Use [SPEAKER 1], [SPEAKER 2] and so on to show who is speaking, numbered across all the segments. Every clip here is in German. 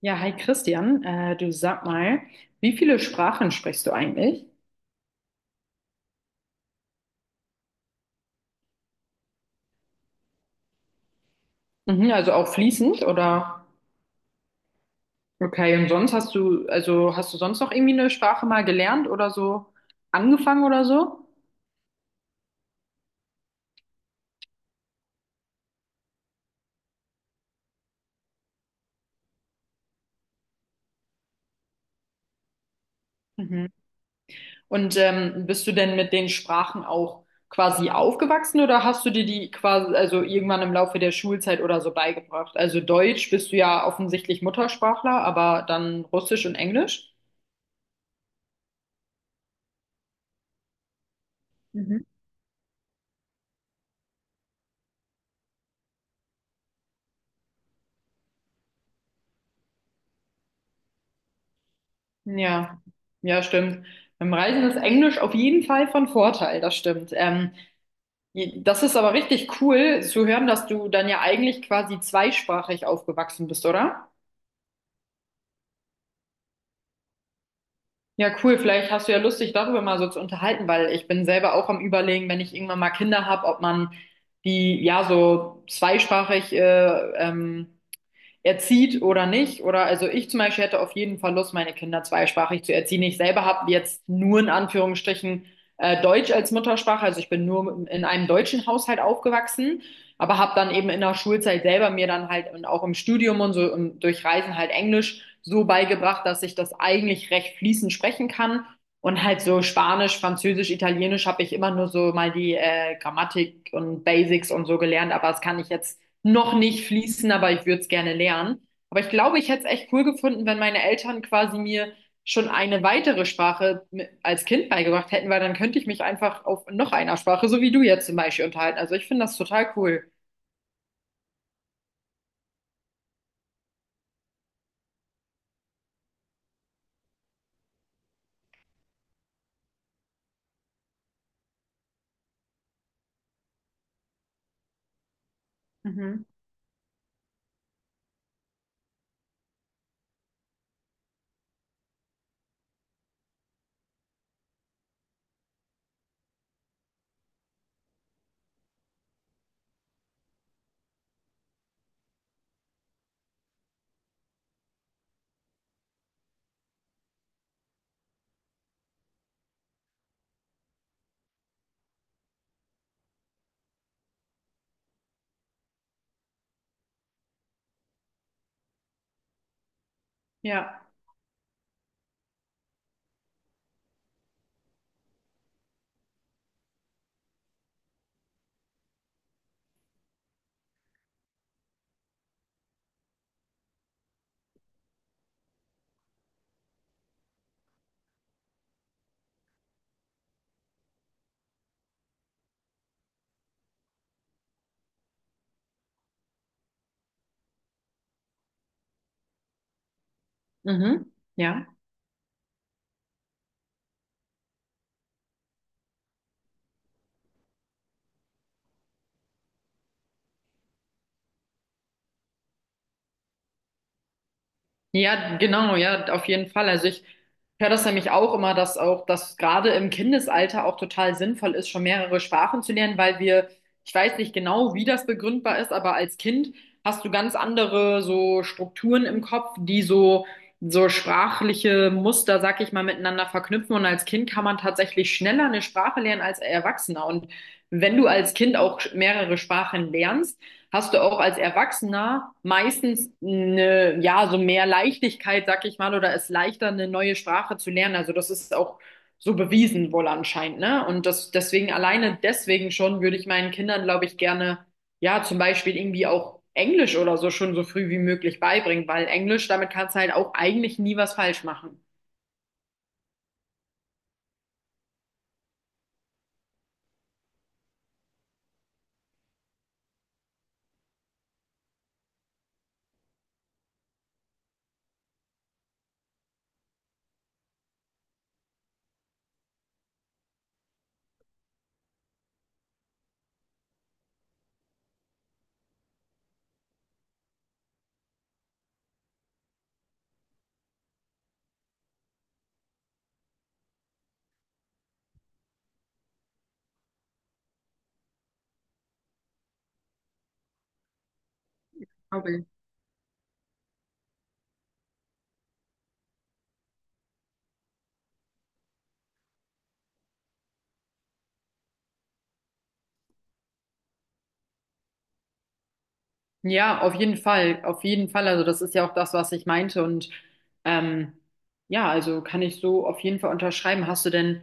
[SPEAKER 1] Ja, hi Christian, du sag mal, wie viele Sprachen sprichst du eigentlich? Mhm, also auch fließend oder? Okay, und sonst hast du, also hast du sonst noch irgendwie eine Sprache mal gelernt oder so angefangen oder so? Mhm. Und bist du denn mit den Sprachen auch quasi aufgewachsen oder hast du dir die quasi, also irgendwann im Laufe der Schulzeit oder so beigebracht? Also Deutsch bist du ja offensichtlich Muttersprachler, aber dann Russisch und Englisch? Mhm. Ja, ja, stimmt. Beim Reisen ist Englisch auf jeden Fall von Vorteil, das stimmt. Das ist aber richtig cool zu hören, dass du dann ja eigentlich quasi zweisprachig aufgewachsen bist, oder? Ja, cool. Vielleicht hast du ja Lust, dich darüber mal so zu unterhalten, weil ich bin selber auch am Überlegen, wenn ich irgendwann mal Kinder habe, ob man die ja so zweisprachig erzieht oder nicht. Oder also ich zum Beispiel hätte auf jeden Fall Lust, meine Kinder zweisprachig zu erziehen. Ich selber habe jetzt nur in Anführungsstrichen Deutsch als Muttersprache. Also ich bin nur in einem deutschen Haushalt aufgewachsen, aber habe dann eben in der Schulzeit selber mir dann halt und auch im Studium und so und durch Reisen halt Englisch so beigebracht, dass ich das eigentlich recht fließend sprechen kann. Und halt so Spanisch, Französisch, Italienisch habe ich immer nur so mal die Grammatik und Basics und so gelernt, aber das kann ich jetzt noch nicht fließen, aber ich würde es gerne lernen. Aber ich glaube, ich hätte es echt cool gefunden, wenn meine Eltern quasi mir schon eine weitere Sprache als Kind beigebracht hätten, weil dann könnte ich mich einfach auf noch einer Sprache, so wie du jetzt zum Beispiel, unterhalten. Also ich finde das total cool. Mhm. Ja. Mhm. Ja. Ja, genau, ja, auf jeden Fall. Also ich höre das nämlich auch immer, dass auch das gerade im Kindesalter auch total sinnvoll ist, schon mehrere Sprachen zu lernen, weil wir, ich weiß nicht genau, wie das begründbar ist, aber als Kind hast du ganz andere so Strukturen im Kopf, die so sprachliche Muster, sag ich mal, miteinander verknüpfen. Und als Kind kann man tatsächlich schneller eine Sprache lernen als Erwachsener. Und wenn du als Kind auch mehrere Sprachen lernst, hast du auch als Erwachsener meistens eine, ja, so mehr Leichtigkeit, sag ich mal, oder es leichter, eine neue Sprache zu lernen. Also das ist auch so bewiesen wohl anscheinend, ne? Und das deswegen alleine deswegen schon würde ich meinen Kindern, glaube ich, gerne, ja, zum Beispiel irgendwie auch Englisch oder so schon so früh wie möglich beibringen, weil Englisch, damit kannst du halt auch eigentlich nie was falsch machen. Ja, auf jeden Fall, auf jeden Fall. Also das ist ja auch das, was ich meinte. Und ähm, ja, also kann ich so auf jeden Fall unterschreiben. Hast du denn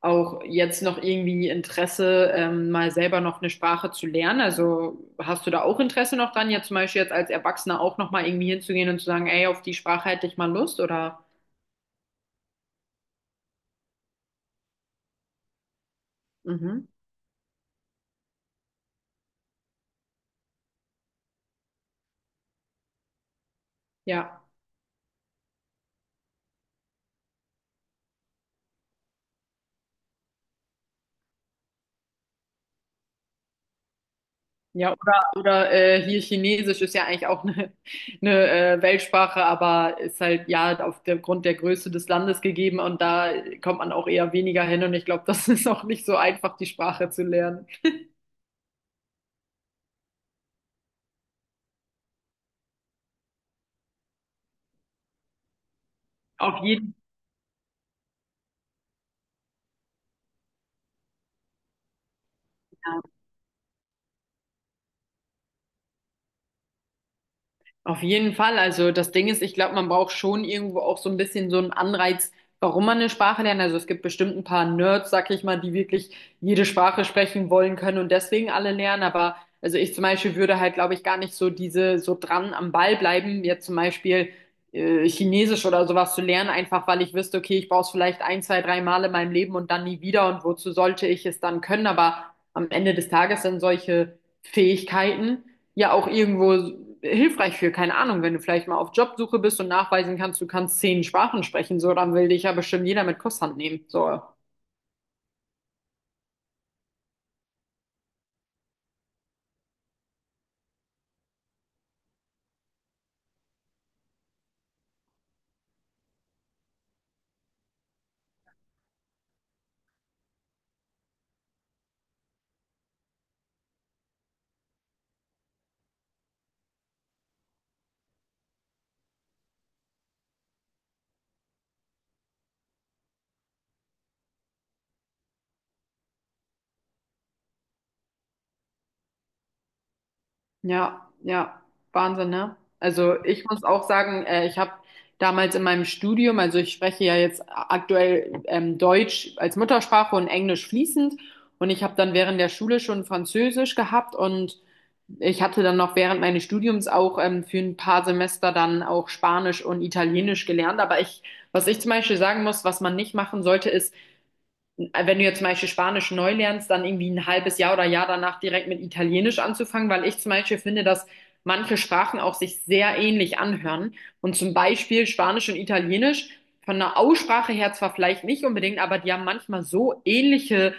[SPEAKER 1] auch jetzt noch irgendwie Interesse, mal selber noch eine Sprache zu lernen? Also hast du da auch Interesse noch dran, jetzt zum Beispiel jetzt als Erwachsener auch noch mal irgendwie hinzugehen und zu sagen, ey, auf die Sprache hätte ich mal Lust? Oder? Mhm. Ja. Ja, oder, oder hier Chinesisch ist ja eigentlich auch eine Weltsprache, aber ist halt ja aufgrund der Größe des Landes gegeben und da kommt man auch eher weniger hin und ich glaube, das ist auch nicht so einfach, die Sprache zu lernen. Auf jeden Fall. Auf jeden Fall. Also das Ding ist, ich glaube, man braucht schon irgendwo auch so ein bisschen so einen Anreiz, warum man eine Sprache lernt. Also es gibt bestimmt ein paar Nerds, sag ich mal, die wirklich jede Sprache sprechen wollen können und deswegen alle lernen. Aber also ich zum Beispiel würde halt, glaube ich, gar nicht so diese so dran am Ball bleiben, jetzt zum Beispiel Chinesisch oder sowas zu lernen, einfach weil ich wüsste, okay, ich brauche es vielleicht ein, zwei, drei Mal in meinem Leben und dann nie wieder und wozu sollte ich es dann können? Aber am Ende des Tages sind solche Fähigkeiten ja auch irgendwo hilfreich für. Keine Ahnung, wenn du vielleicht mal auf Jobsuche bist und nachweisen kannst, du kannst zehn Sprachen sprechen, so, dann will dich ja bestimmt jeder mit Kusshand nehmen. So, ja, ja, Wahnsinn, ne? Also ich muss auch sagen, ich habe damals in meinem Studium, also ich spreche ja jetzt aktuell Deutsch als Muttersprache und Englisch fließend und ich habe dann während der Schule schon Französisch gehabt und ich hatte dann noch während meines Studiums auch für ein paar Semester dann auch Spanisch und Italienisch gelernt. Aber ich, was ich zum Beispiel sagen muss, was man nicht machen sollte, ist, wenn du jetzt zum Beispiel Spanisch neu lernst, dann irgendwie ein halbes Jahr oder Jahr danach direkt mit Italienisch anzufangen, weil ich zum Beispiel finde, dass manche Sprachen auch sich sehr ähnlich anhören. Und zum Beispiel Spanisch und Italienisch von der Aussprache her zwar vielleicht nicht unbedingt, aber die haben manchmal so ähnliche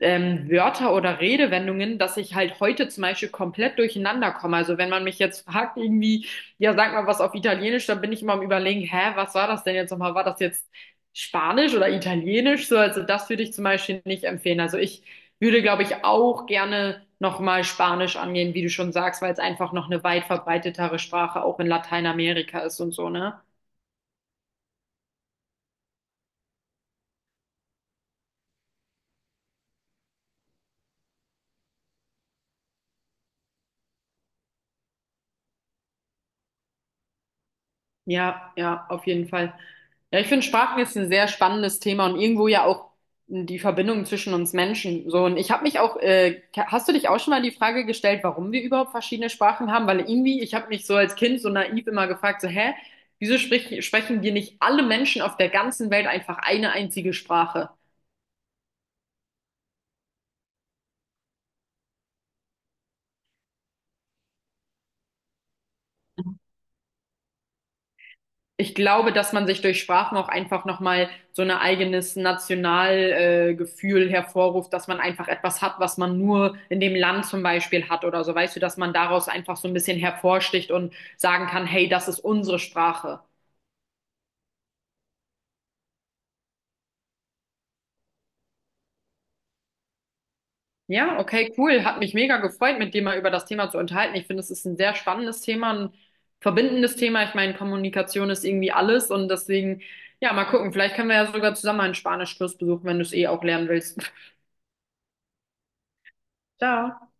[SPEAKER 1] Wörter oder Redewendungen, dass ich halt heute zum Beispiel komplett durcheinander komme. Also wenn man mich jetzt fragt, irgendwie, ja, sag mal was auf Italienisch, dann bin ich immer am Überlegen, hä, was war das denn jetzt nochmal? War das jetzt Spanisch oder Italienisch so. Also das würde ich zum Beispiel nicht empfehlen. Also ich würde, glaube ich, auch gerne nochmal Spanisch angehen, wie du schon sagst, weil es einfach noch eine weit verbreitetere Sprache auch in Lateinamerika ist und so, ne? Ja, ja, auf jeden Fall. Ja, ich finde Sprachen ist ein sehr spannendes Thema und irgendwo ja auch die Verbindung zwischen uns Menschen. So, und ich habe mich auch, hast du dich auch schon mal die Frage gestellt, warum wir überhaupt verschiedene Sprachen haben? Weil irgendwie, ich habe mich so als Kind so naiv immer gefragt, so, hä, wieso sprechen wir nicht alle Menschen auf der ganzen Welt einfach eine einzige Sprache? Ich glaube, dass man sich durch Sprachen auch einfach nochmal so ein eigenes Nationalgefühl Gefühl hervorruft, dass man einfach etwas hat, was man nur in dem Land zum Beispiel hat oder so. Weißt du, dass man daraus einfach so ein bisschen hervorsticht und sagen kann, hey, das ist unsere Sprache. Ja, okay, cool. Hat mich mega gefreut, mit dir mal über das Thema zu unterhalten. Ich finde, es ist ein sehr spannendes Thema, ein verbindendes Thema. Ich meine, Kommunikation ist irgendwie alles und deswegen, ja, mal gucken. Vielleicht können wir ja sogar zusammen einen Spanischkurs besuchen, wenn du es eh auch lernen willst. Ciao.